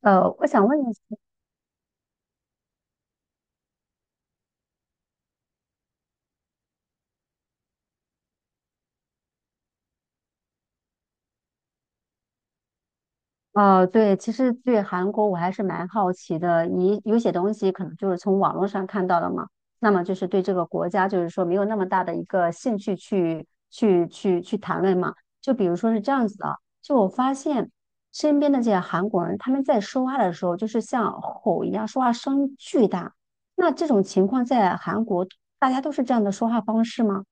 我想问一下，对，其实对韩国我还是蛮好奇的。你有些东西可能就是从网络上看到的嘛，那么就是对这个国家就是说没有那么大的一个兴趣去谈论嘛。就比如说是这样子的，就我发现身边的这些韩国人，他们在说话的时候就是像吼一样，说话声巨大。那这种情况在韩国，大家都是这样的说话方式吗？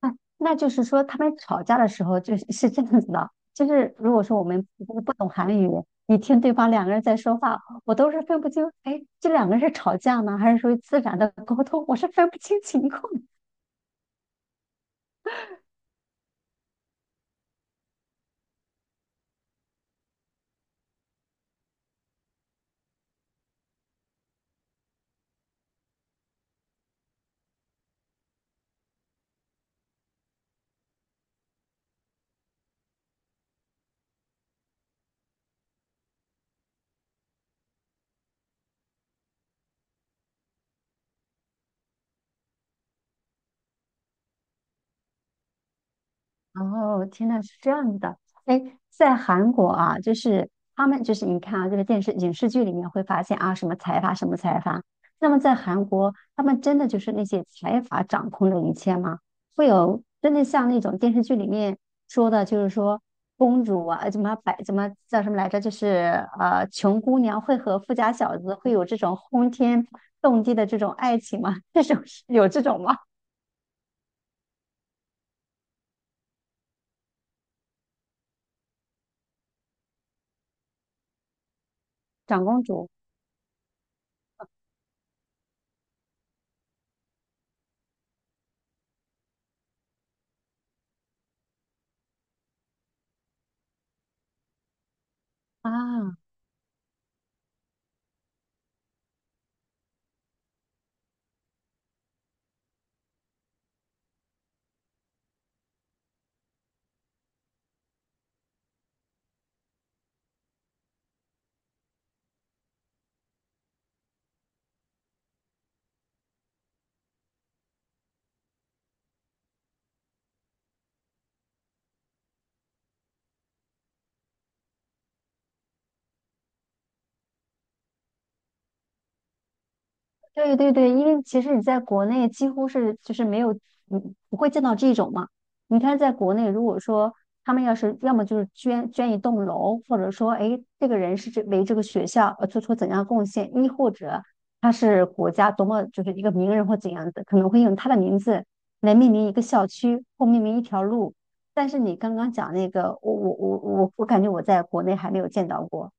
啊，那就是说他们吵架的时候就是是这样子的，就是如果说我们不懂韩语，你听对方两个人在说话，我都是分不清，哎，这两个人是吵架呢，还是属于自然的沟通，我是分不清情况。哦，天呐，是这样的。哎，在韩国啊，就是他们就是你看啊，这个电视影视剧里面会发现啊，什么财阀，什么财阀。那么在韩国，他们真的就是那些财阀掌控着一切吗？会有真的像那种电视剧里面说的，就是说公主啊，怎么叫什么来着？就是穷姑娘会和富家小子会有这种轰天动地的这种爱情吗？这种有这种吗？长公主啊。对对对，因为其实你在国内几乎是就是没有，嗯，不会见到这种嘛。你看，在国内，如果说他们要是要么就是捐一栋楼，或者说，哎，这个人是这为这个学校做出怎样贡献，亦或者他是国家多么就是一个名人或怎样的，可能会用他的名字来命名一个校区或命名一条路。但是你刚刚讲那个，我感觉我在国内还没有见到过。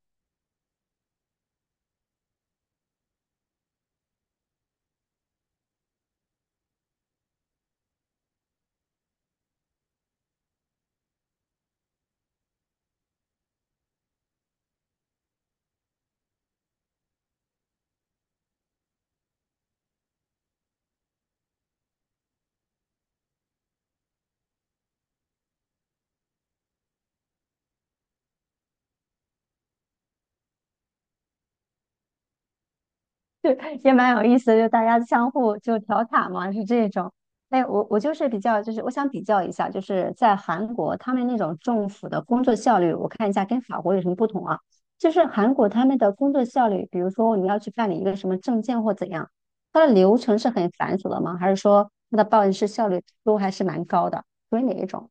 对，也蛮有意思的，就大家相互就调侃嘛，是这种。哎，我就是比较，就是我想比较一下，就是在韩国他们那种政府的工作效率，我看一下跟法国有什么不同啊？就是韩国他们的工作效率，比如说你要去办理一个什么证件或怎样，它的流程是很繁琐的吗？还是说它的办事效率都还是蛮高的？属于哪一种？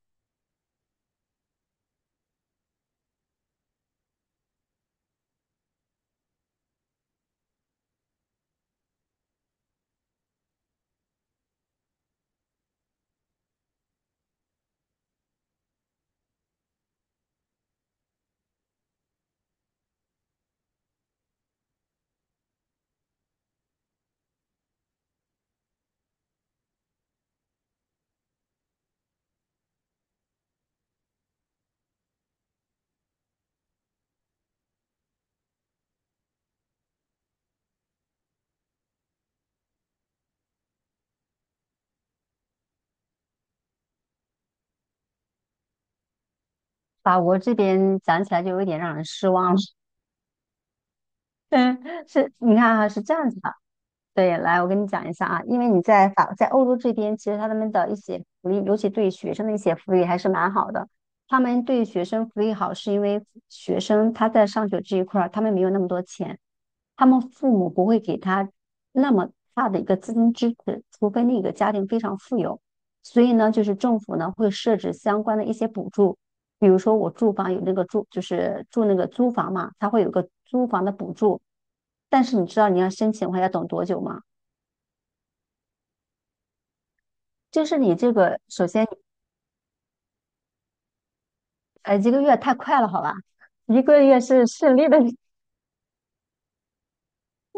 法国这边讲起来就有点让人失望了。嗯，是，你看啊，是这样子的。对，来，我跟你讲一下啊，因为你在法在欧洲这边，其实他们的一些福利，尤其对学生的一些福利还是蛮好的。他们对学生福利好，是因为学生他在上学这一块儿，他们没有那么多钱，他们父母不会给他那么大的一个资金支持，除非那个家庭非常富有。所以呢，就是政府呢会设置相关的一些补助，比如说我住房有那个住，就是住那个租房嘛，它会有个租房的补助。但是你知道你要申请的话要等多久吗？就是你这个，首先，一个月太快了，好吧？一个月是顺利的，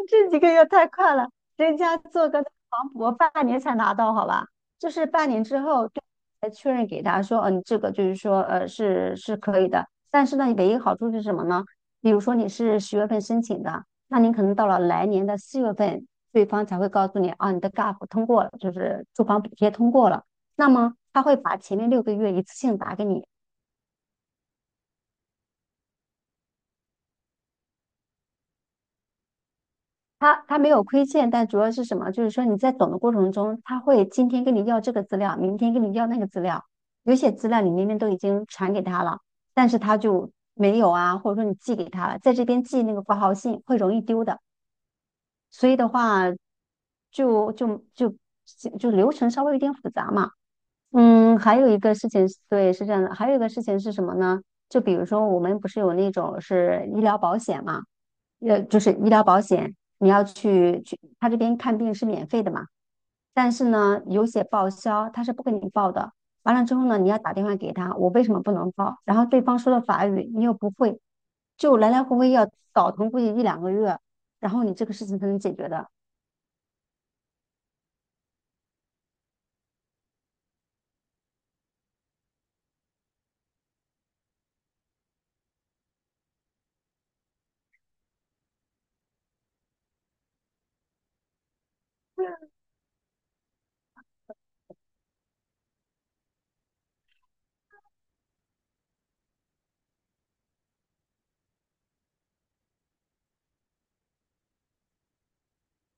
这几个月太快了，人家做个房补，半年才拿到，好吧？就是半年之后对才确认给他说，嗯、你这个就是说，是是可以的。但是呢，唯一好处是什么呢？比如说你是10月份申请的，那你可能到了来年的4月份，对方才会告诉你，啊，你的 GAP 通过了，就是住房补贴通过了。那么他会把前面6个月一次性打给你。他他没有亏欠，但主要是什么？就是说你在等的过程中，他会今天跟你要这个资料，明天跟你要那个资料，有些资料你明明都已经传给他了，但是他就没有啊，或者说你寄给他了，在这边寄那个挂号信会容易丢的，所以的话就就就就流程稍微有点复杂嘛。嗯，还有一个事情是对，是这样的，还有一个事情是什么呢？就比如说我们不是有那种是医疗保险嘛？就是医疗保险，你要去，他这边看病是免费的嘛，但是呢，有些报销他是不给你报的。完了之后呢，你要打电话给他，我为什么不能报？然后对方说的法语你又不会，就来来回回要倒腾估计一两个月，然后你这个事情才能解决的。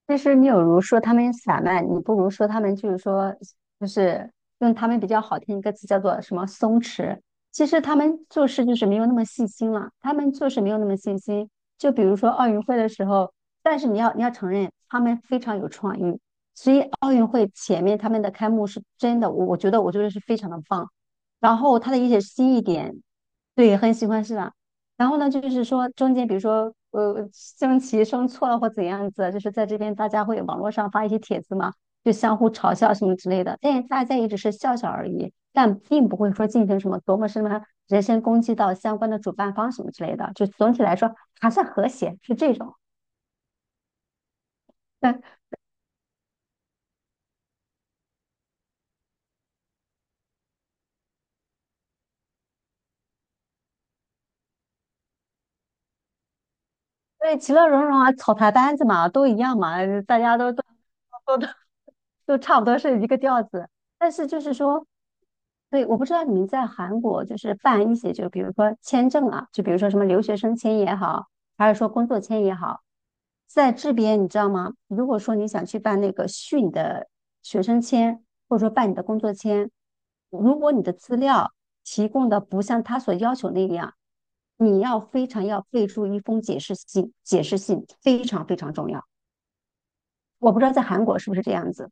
其实你有如说他们散漫，你不如说他们就是说，就是用他们比较好听一个词叫做什么松弛。其实他们做事就是没有那么细心了，他们做事没有那么细心。就比如说奥运会的时候，但是你要承认他们非常有创意，所以奥运会前面他们的开幕是真的，我觉得是非常的棒。然后他的一些新一点，对，很喜欢是吧？然后呢，就是说中间比如说升旗升错了或怎样子，就是在这边大家会网络上发一些帖子嘛，就相互嘲笑什么之类的，但是大家也只是笑笑而已，但并不会说进行什么多么什么人身攻击到相关的主办方什么之类的，就总体来说还算和谐，是这种。对，其乐融融啊，草台班子嘛，都一样嘛，大家都都都差不多是一个调子。但是就是说，对，我不知道你们在韩国就是办一些，就比如说签证啊，就比如说什么留学生签也好，还是说工作签也好，在这边你知道吗？如果说你想去办那个续你的学生签，或者说办你的工作签，如果你的资料提供的不像他所要求那样，你要非常要备注一封解释信，解释信非常非常重要。我不知道在韩国是不是这样子。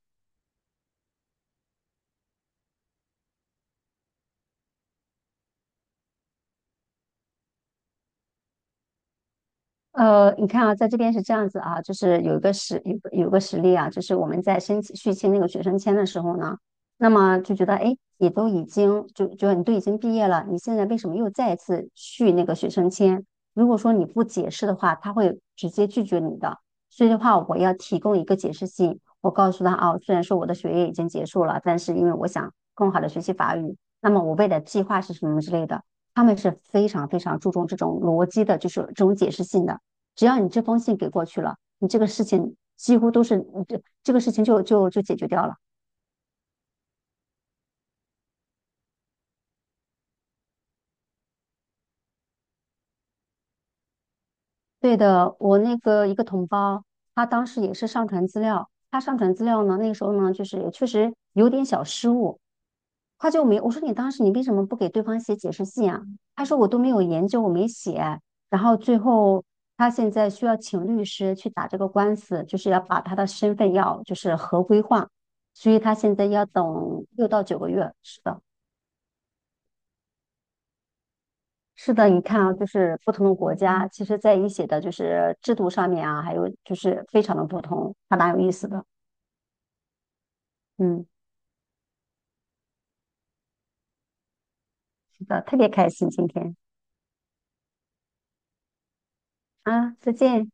你看啊，在这边是这样子啊，就是有一个实有个有个实例啊，就是我们在申请续签那个学生签的时候呢，那么就觉得哎，诶你都已经你都已经毕业了，你现在为什么又再一次续那个学生签？如果说你不解释的话，他会直接拒绝你的。所以的话，我要提供一个解释信，我告诉他啊，虽然说我的学业已经结束了，但是因为我想更好的学习法语，那么我未来的计划是什么之类的。他们是非常非常注重这种逻辑的，就是这种解释性的。只要你这封信给过去了，你这个事情几乎都是这个事情就解决掉了。对的，我那个一个同胞，他当时也是上传资料，他上传资料呢，那个时候呢，就是也确实有点小失误，他就没，我说你当时你为什么不给对方写解释信啊？他说我都没有研究，我没写。然后最后他现在需要请律师去打这个官司，就是要把他的身份要就是合规化，所以他现在要等6到9个月，是的。是的，你看啊，就是不同的国家，其实在一些的就是制度上面啊，还有就是非常的不同，还蛮有意思的。嗯，是的，特别开心今天啊，再见。